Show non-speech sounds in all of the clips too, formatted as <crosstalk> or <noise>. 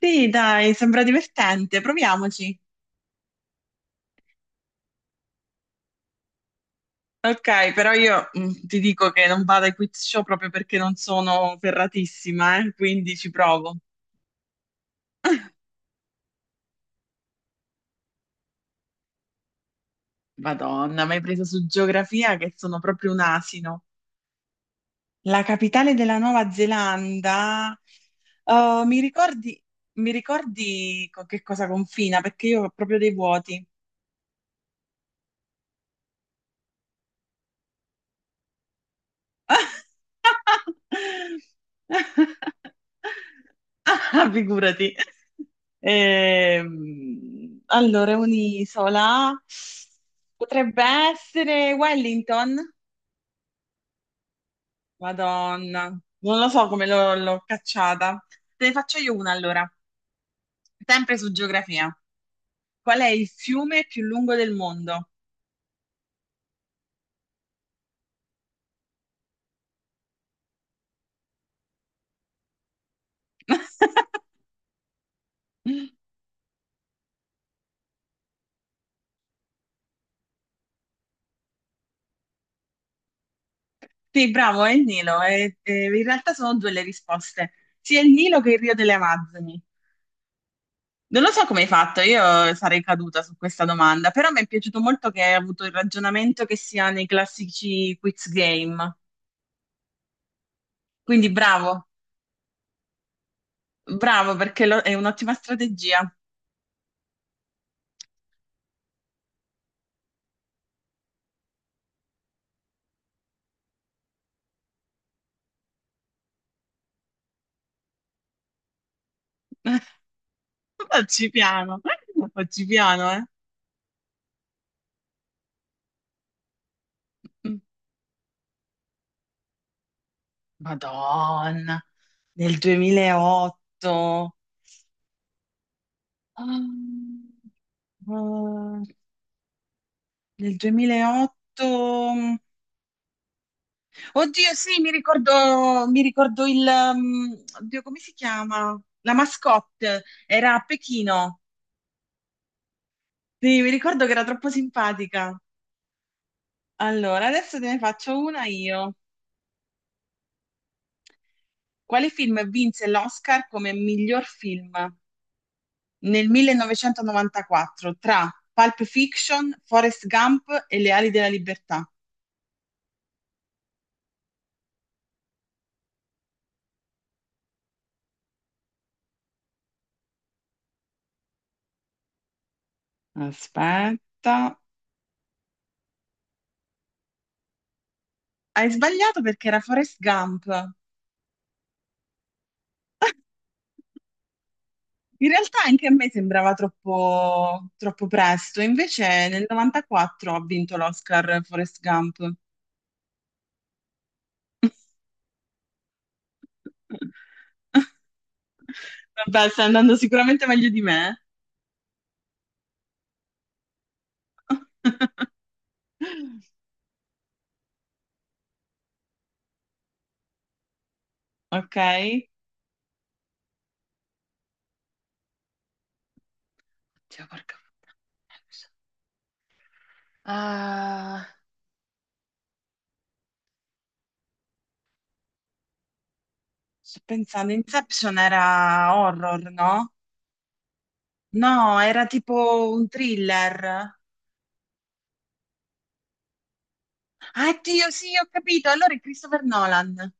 Sì, dai, sembra divertente, proviamoci. Ok, però io ti dico che non vado ai quiz show proprio perché non sono ferratissima, quindi ci provo. Madonna, mi hai preso su geografia che sono proprio un asino. La capitale della Nuova Zelanda. Oh, mi ricordi con che cosa confina? Perché io ho proprio dei vuoti. <laughs> Ah, figurati. Allora, un'isola potrebbe essere Wellington. Madonna, non lo so come l'ho cacciata. Te ne faccio io una allora, sempre su geografia. Qual è il fiume più lungo del mondo? <laughs> Sì, bravo, è il Nilo. E in realtà sono due le risposte, sia il Nilo che il Rio delle Amazzoni. Non lo so come hai fatto, io sarei caduta su questa domanda, però mi è piaciuto molto che hai avuto il ragionamento che si ha nei classici quiz game. Quindi bravo, bravo perché lo- è un'ottima strategia. <laughs> Facci piano, facci piano, eh. Mm. Madonna, nel 2008. Ah, ah, nel 2008. Oddio, sì, mi ricordo il... um, oddio, come si chiama? La mascotte, era a Pechino. Sì, mi ricordo che era troppo simpatica. Allora, adesso te ne faccio una io. Quale film vinse l'Oscar come miglior film nel 1994 tra Pulp Fiction, Forrest Gump e Le ali della libertà? Aspetta. Hai sbagliato perché era Forrest Gump. In realtà anche a me sembrava troppo presto, invece nel 94 ha vinto l'Oscar Forrest Gump. <laughs> Vabbè, stai andando sicuramente meglio di me. <laughs> Ok? Cioè, porca puttana. Ah, sto pensando, Inception era horror, no? No, era tipo un thriller. Ah, Dio, sì, ho capito. Allora è Christopher Nolan.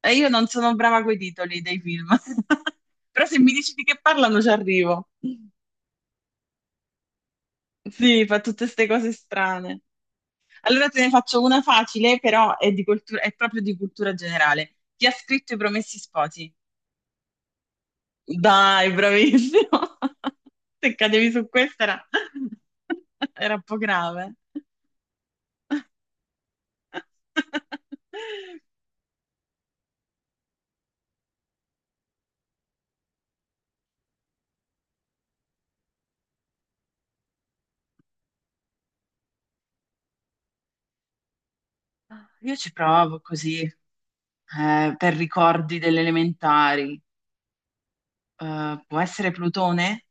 E io non sono brava coi titoli dei film, <laughs> però se mi dici di che parlano ci arrivo. Sì, fa tutte queste cose strane. Allora te ne faccio una facile, però è, di cultura- è proprio di cultura generale. Chi ha scritto I Promessi Sposi? Dai, bravissimo! <laughs> Se cadevi su questa era, <laughs> era un po' grave. <laughs> Io ci provo così, per ricordi delle elementari. Può essere Plutone?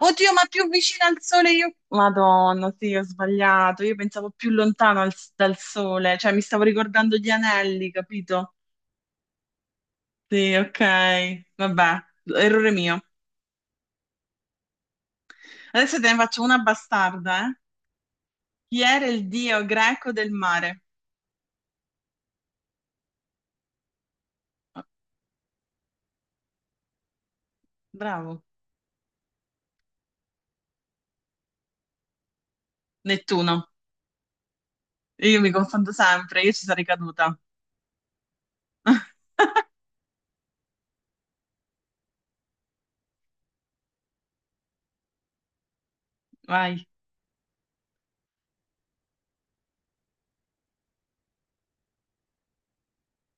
Oddio, ma più vicino al sole io... Madonna, sì, ho sbagliato. Io pensavo più lontano al- dal sole, cioè mi stavo ricordando gli anelli, capito? Sì, ok. Vabbè, errore mio. Adesso te ne faccio una bastarda, eh. Chi era il dio greco del mare? Oh, bravo. Nettuno. Io mi confondo sempre, io ci sarei caduta. <laughs> Vai.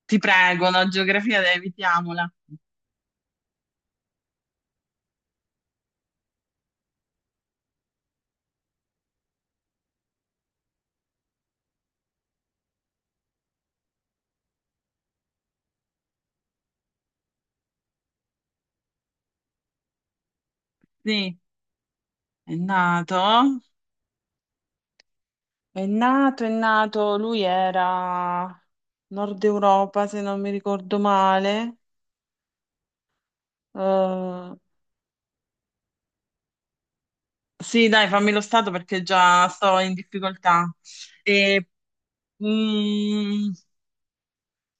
Ti prego, no, geografia, evitiamola. Sì, è nato. È nato, è nato, lui era Nord Europa, se non mi ricordo male. Eh, sì, dai, fammi lo stato perché già sto in difficoltà. E, mm,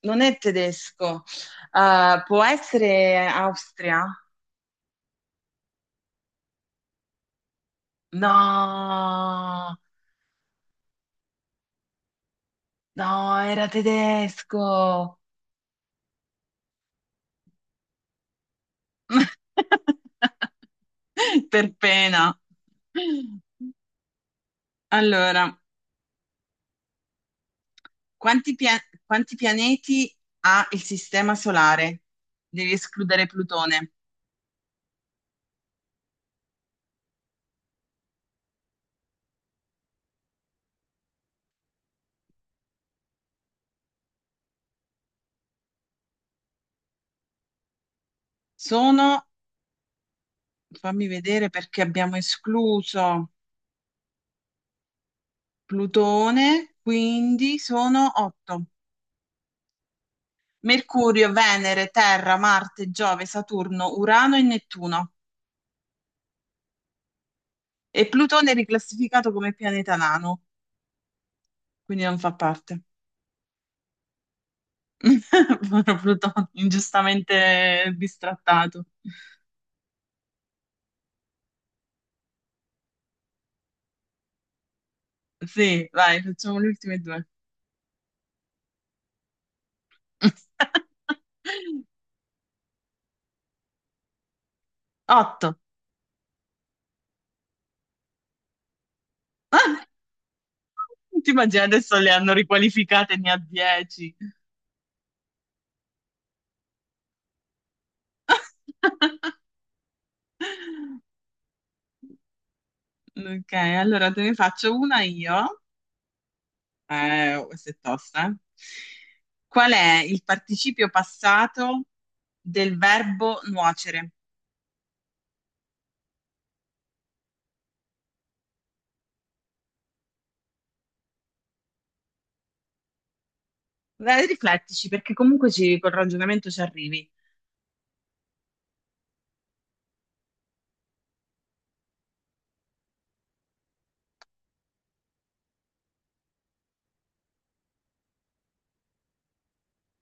Non è tedesco. Può essere Austria? No, no, era tedesco. <laughs> Per pena. Allora. Quanti, pia- quanti pianeti ha il sistema solare? Devi escludere Plutone. Sono, fammi vedere perché abbiamo escluso Plutone, quindi sono 8. Mercurio, Venere, Terra, Marte, Giove, Saturno, Urano e Nettuno. E Plutone è riclassificato come pianeta nano, quindi non fa parte. <laughs> Povero Plutone, ingiustamente bistrattato. Sì, vai, facciamo le ultime due. <laughs> Otto. Ti immagini adesso le hanno riqualificate, ne ha dieci. <laughs> Ok, allora te ne faccio una io. Questa è tosta, eh. Qual è il participio passato del verbo nuocere? Dai, riflettici, perché comunque ci- col ragionamento ci arrivi.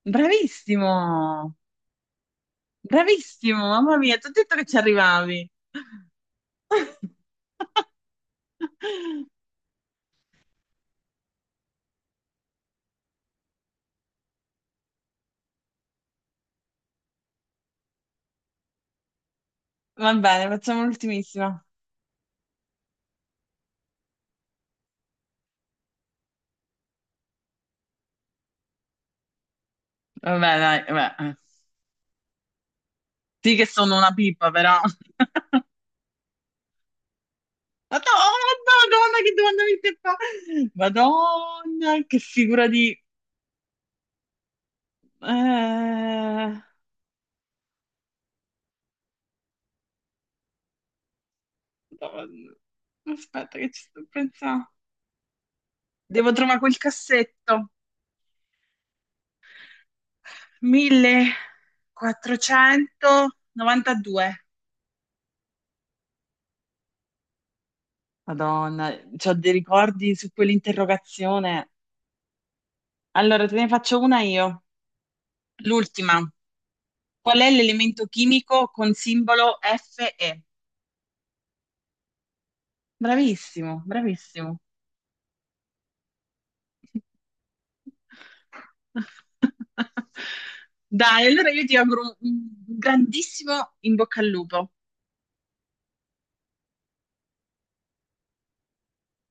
Bravissimo! Bravissimo, mamma mia, ti ho detto che ci arrivavi. <laughs> Va bene, facciamo l'ultimissima. Vabbè, dai, vabbè. Sì che sono una pippa, però. <laughs> Madonna, oh, Madonna, che domanda mi stai fa? Madonna, che figura di... Madonna. Aspetta che ci sto pensando. Devo trovare quel cassetto. 1492. Madonna, c'ho dei ricordi su quell'interrogazione. Allora, te ne faccio una io. L'ultima. Qual è l'elemento chimico con simbolo Fe? Bravissimo, bravissimo. <laughs> Dai, allora io ti auguro un grandissimo in bocca al lupo.